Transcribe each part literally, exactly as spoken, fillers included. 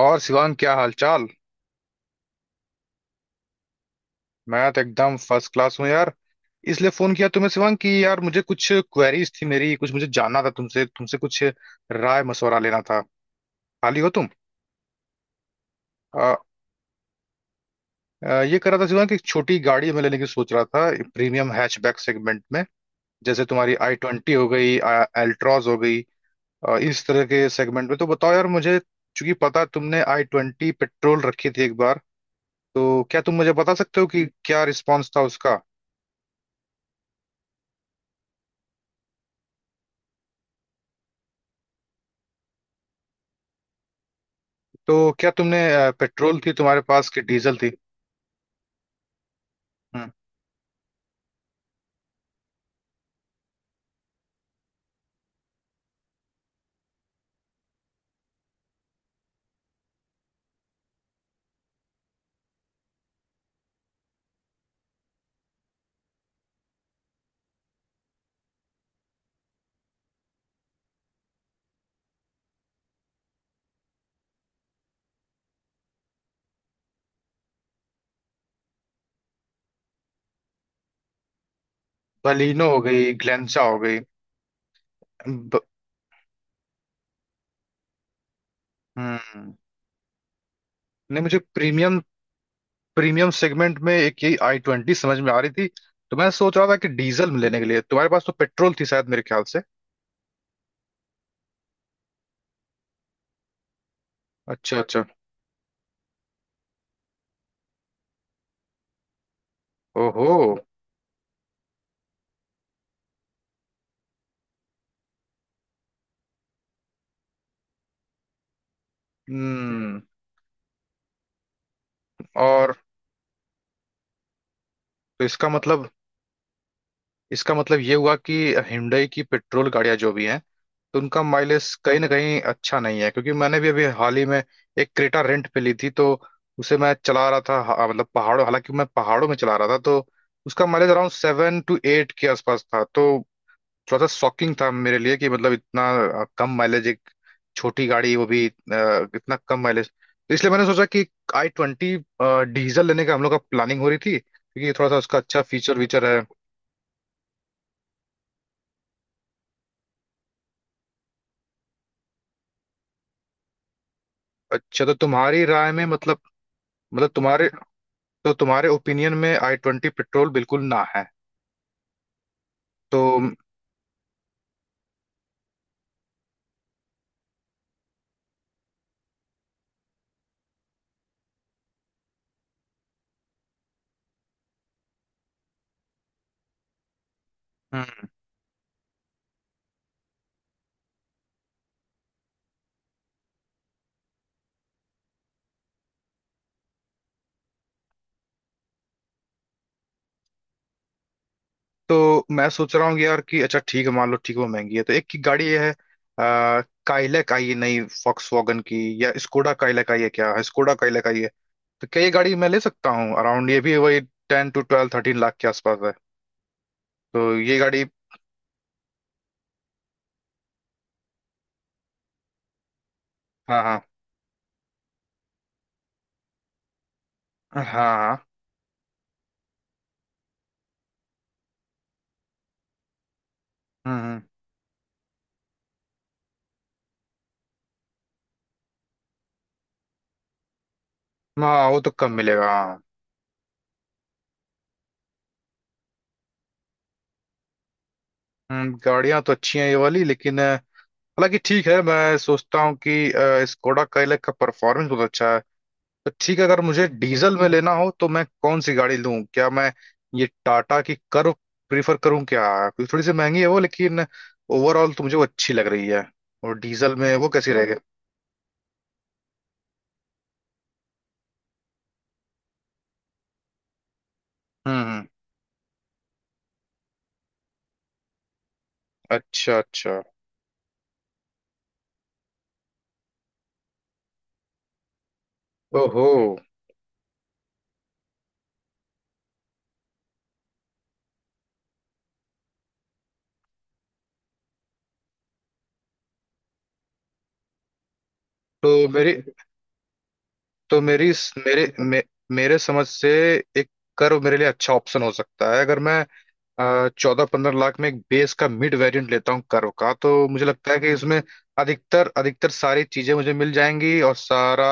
और शिवांग, क्या हालचाल। मैं तो एकदम फर्स्ट क्लास हूँ यार। इसलिए फोन किया तुम्हें शिवांग कि यार मुझे कुछ क्वेरीज थी, मेरी कुछ मुझे जानना था तुमसे तुमसे कुछ राय मशवरा लेना था। खाली हो तुम? आ, आ, ये कर रहा था शिवांग कि एक छोटी गाड़ी मैं लेने की सोच रहा था, प्रीमियम हैचबैक सेगमेंट में। जैसे तुम्हारी आई ट्वेंटी हो गई, एल्ट्रॉज हो गई। आ, इस तरह के सेगमेंट में तो बताओ यार मुझे। चूंकि पता है तुमने आई ट्वेंटी पेट्रोल रखी थी एक बार, तो क्या तुम मुझे बता सकते हो कि क्या रिस्पॉन्स था उसका? तो क्या तुमने अ, पेट्रोल थी तुम्हारे पास कि डीजल थी? हम्म। बलिनो हो गई, ग्लेंचा हो गई। ब, हम्म। नहीं, मुझे प्रीमियम प्रीमियम सेगमेंट में एक यही आई ट्वेंटी समझ में आ रही थी। तो मैं सोच रहा था कि डीजल में लेने के लिए, तुम्हारे पास तो पेट्रोल थी शायद मेरे ख्याल से। अच्छा अच्छा। ओहो। हम्म। और तो इसका मतलब इसका मतलब ये हुआ कि हिंडई की पेट्रोल गाड़ियां जो भी हैं, तो उनका माइलेज कहीं ना कहीं अच्छा नहीं है। क्योंकि मैंने भी अभी हाल ही में एक क्रेटा रेंट पे ली थी, तो उसे मैं चला रहा था, हा- मतलब पहाड़ों, हालांकि मैं पहाड़ों में चला रहा था, तो उसका mileage around seven to eight के आसपास था। तो थोड़ा सा शॉकिंग था मेरे लिए कि मतलब इतना अ, कम माइलेज, एक छोटी गाड़ी वो भी अ, इतना कम माइलेज। तो इसलिए मैंने सोचा कि आई ट्वेंटी डीजल लेने का हम लोग का प्लानिंग हो रही थी क्योंकि थोड़ा सा उसका अच्छा फीचर वीचर है। अच्छा, तो तुम्हारी राय में मतलब मतलब तुम्हारे तो तुम्हारे ओपिनियन में आई ट्वेंटी पेट्रोल बिल्कुल ना है। तो हम्म। तो मैं सोच रहा हूँ कि यार कि अच्छा ठीक है, मान लो ठीक है वो महंगी है, तो एक की गाड़ी ये है। आ, काइलैक आई है नई फॉक्स वॉगन की, या स्कोडा काइलैक आई है क्या? हाँ, स्कोडा काइलैक आई है। तो क्या ये गाड़ी मैं ले सकता हूँ? अराउंड ये भी वही ten to twelve thirteen lakh के आसपास है। तो ये गाड़ी। हाँ हाँ। हाँ हाँ। हम्म हम्म। हाँ वो तो कम मिलेगा, हाँ। हम्म, गाड़ियाँ तो अच्छी हैं ये वाली, लेकिन अ, हालांकि ठीक है। मैं सोचता हूँ कि स्कोडा काइलैक का परफॉर्मेंस बहुत अच्छा है। तो ठीक है, अगर मुझे डीजल में लेना हो तो मैं कौन सी गाड़ी लूं? क्या मैं ये टाटा की कर्व प्रीफर करूं क्या? क्योंकि थोड़ी सी महंगी है वो, लेकिन ओवरऑल तो मुझे वो अच्छी लग रही है। और डीजल में वो कैसी रहेगी? हम्म हम्म। अच्छा अच्छा। ओहो। तो मेरी तो मेरी मेरे मे, मेरे समझ से एक कर्व मेरे लिए अच्छा ऑप्शन हो सकता है। अगर मैं चौदह पंद्रह लाख में एक बेस का मिड वेरिएंट लेता हूँ कर्व का, तो मुझे लगता है कि इसमें अधिकतर अधिकतर सारी चीजें मुझे मिल जाएंगी। और सारा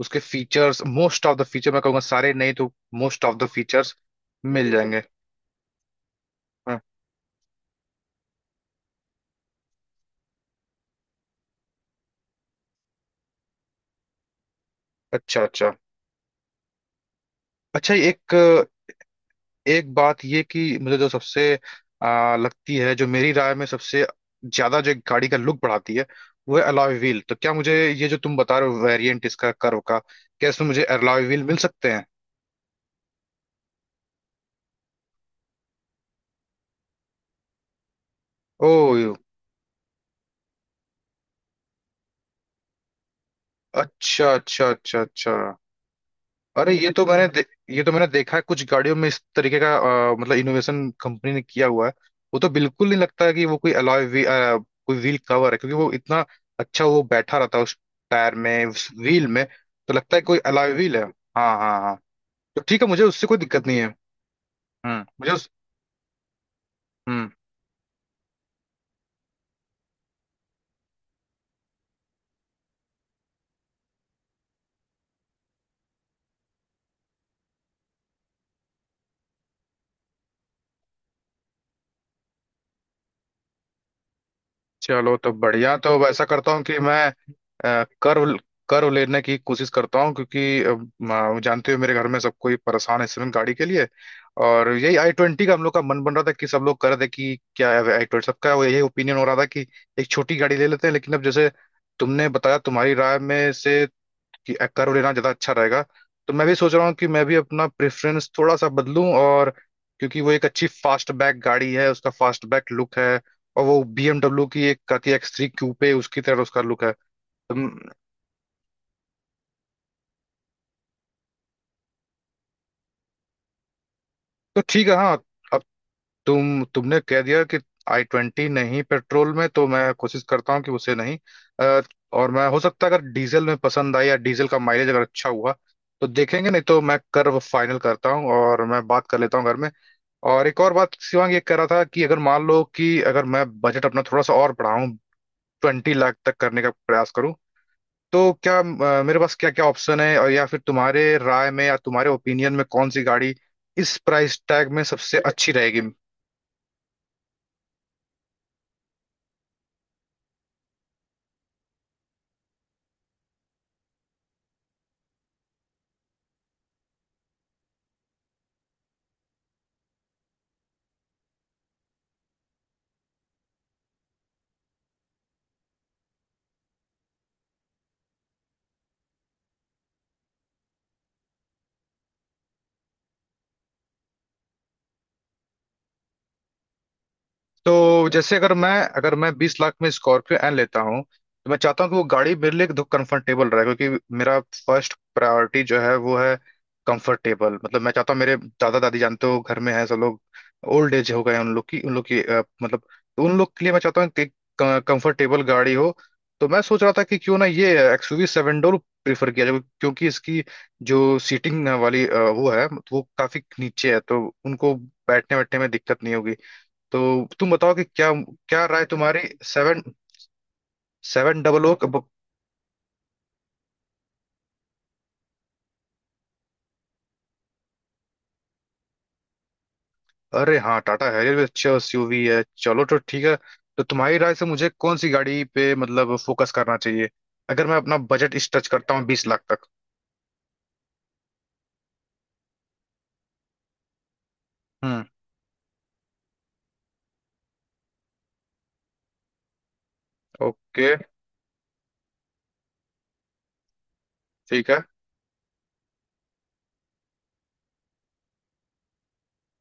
उसके features most of the feature मैं कहूँगा, सारे नहीं तो मोस्ट ऑफ द फीचर्स मिल जाएंगे। हाँ। अच्छा अच्छा। अच्छा, एक एक बात ये कि मुझे जो सबसे आ, लगती है, जो मेरी राय में सबसे ज्यादा जो गाड़ी का लुक बढ़ाती है, वो है अलॉय व्हील। तो क्या मुझे, ये जो तुम बता रहे हो वेरिएंट इसका कर्व का, क्या इसमें मुझे अलॉय व्हील मिल सकते हैं? ओ। अच्छा अच्छा अच्छा अच्छा। अरे ये तो मैंने दे, ये तो मैंने देखा है कुछ गाड़ियों में इस तरीके का। अ, मतलब इनोवेशन कंपनी ने किया हुआ है। वो तो बिल्कुल नहीं लगता है कि वो कोई अलॉय वी, अ, कोई व्हील कवर है, क्योंकि वो इतना अच्छा वो बैठा रहता है उस टायर में, उस व्हील में। तो लगता है कोई अलॉय व्हील है। हाँ हाँ हाँ। तो ठीक है, मुझे उससे कोई दिक्कत नहीं है। हम्म, मुझे उस। हम्म। चलो तो बढ़िया, तो ऐसा करता हूँ कि मैं अ, कर्व कर्व लेने की कोशिश करता हूँ। क्योंकि अ, म- जानते हो, मेरे घर में सब कोई परेशान है इस समय गाड़ी के लिए। और यही आई ट्वेंटी का हम लोग का मन बन रहा था कि सब लोग कर दे कि क्या है आई ट्वेंटी, सबका वो यही ओपिनियन हो रहा था कि एक छोटी गाड़ी ले लेते हैं। लेकिन अब जैसे तुमने बताया, तुम्हारी राय में से कि एक्का रोल लेना ज़्यादा अच्छा रहेगा, तो मैं भी सोच रहा हूँ कि मैं भी अपना प्रेफरेंस थोड़ा सा बदलूं। और क्योंकि वो एक अच्छी फास्ट बैक गाड़ी है, उसका फास्ट बैक लुक है। और वो B M W की एक का की एक्स थ्री क्यूपे उसकी तरह उसका लुक है। तो, तो ठीक है, हाँ। अब तुम तुमने कह दिया कि आई ट्वेंटी नहीं पेट्रोल में, तो मैं कोशिश करता हूँ कि उसे नहीं अ, और मैं, हो सकता है अगर डीजल में पसंद आई या डीजल का माइलेज अगर अच्छा हुआ, तो देखेंगे। नहीं तो मैं कर फाइनल करता हूँ और मैं बात कर लेता हूँ घर में। और एक और बात शिवांग, ये कह रहा था कि अगर मान लो कि अगर मैं बजट अपना थोड़ा सा और बढ़ाऊं, ट्वेंटी लाख तक करने का प्रयास करूं, तो क्या अ, मेरे पास क्या क्या ऑप्शन है? और या फिर तुम्हारे राय में या तुम्हारे ओपिनियन में कौन सी गाड़ी इस प्राइस टैग में सबसे अच्छी रहेगी? तो जैसे अगर मैं अगर मैं बीस लाख में स्कॉर्पियो एन लेता हूँ, तो मैं चाहता हूँ कि वो गाड़ी मेरे लिए एकदम कंफर्टेबल रहे। क्योंकि मेरा फर्स्ट प्रायोरिटी जो है वो है कंफर्टेबल। मतलब मैं चाहता हूँ, मेरे दादा दादी जानते हो घर में है सब लोग, ओल्ड एज हो गए हैं। उन लोग की उन लोग की अ, मतलब, तो उन लोग के लिए मैं चाहता हूँ कि कंफर्टेबल गाड़ी हो। तो मैं सोच रहा था कि क्यों ना ये x you V seven door prefer किया जाए, क्योंकि इसकी जो सीटिंग वाली अ, वो है, वो काफी नीचे है, तो उनको बैठने बैठने में दिक्कत नहीं होगी। तो तुम बताओ कि क्या, क्या राय तुम्हारी? Seven seven double O. अरे हाँ, टाटा हैरियर भी अच्छा एस यू वी है। चलो तो ठीक है, तो तुम्हारी राय से मुझे कौन सी गाड़ी पे मतलब फोकस करना चाहिए अगर मैं अपना बजट इस टच करता हूँ बीस लाख तक? हम्म। ओके। ठीक है।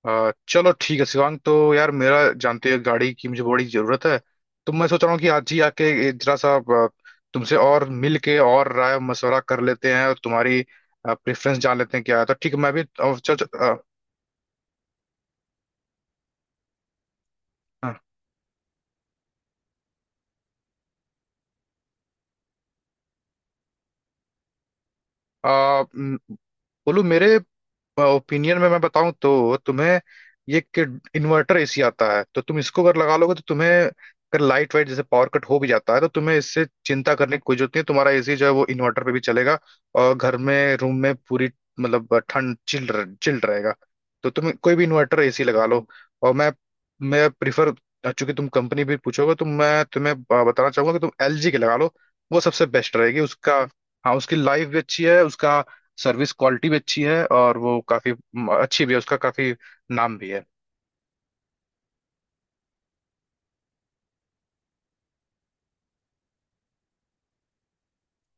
अ, चलो ठीक है शिवांग, तो यार मेरा जानते हो गाड़ी की मुझे बड़ी जरूरत है। तो मैं सोच रहा हूँ कि आज ही आके ये जरा सा अ, तुमसे और मिल के और राय मशवरा कर लेते हैं और तुम्हारी प्रेफरेंस जान लेते हैं क्या है। तो ठीक है, मैं भी अ, चल चल। हाँ। आ, म, बोलू, मेरे ओपिनियन में मैं बताऊं तो तुम्हें, ये कि इन्वर्टर एसी आता है, तो तुम इसको अगर लगा लोगे तो तुम्हें, अगर लाइट वाइट जैसे पावर कट हो भी जाता है तो तुम्हें इससे चिंता करने की कोई जरूरत नहीं है। तुम्हारा एसी जो है वो इन्वर्टर पे भी चलेगा, और घर में रूम में पूरी मतलब ठंड चिल चिल रहेगा। तो तुम कोई भी इन्वर्टर एसी लगा लो। और मैं मैं प्रिफर, चूंकि तुम कंपनी भी पूछोगे, तो मैं तुम्हें अ, बताना चाहूंगा कि तुम एल जी के लगा लो। वो सबसे बेस्ट रहेगी उसका। हाँ, उसकी लाइफ भी अच्छी है, उसका सर्विस क्वालिटी भी अच्छी है, और वो काफी म, अच्छी भी है, उसका काफी नाम भी है।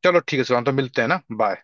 चलो ठीक है सुशांत, तो मिलते हैं ना, बाय।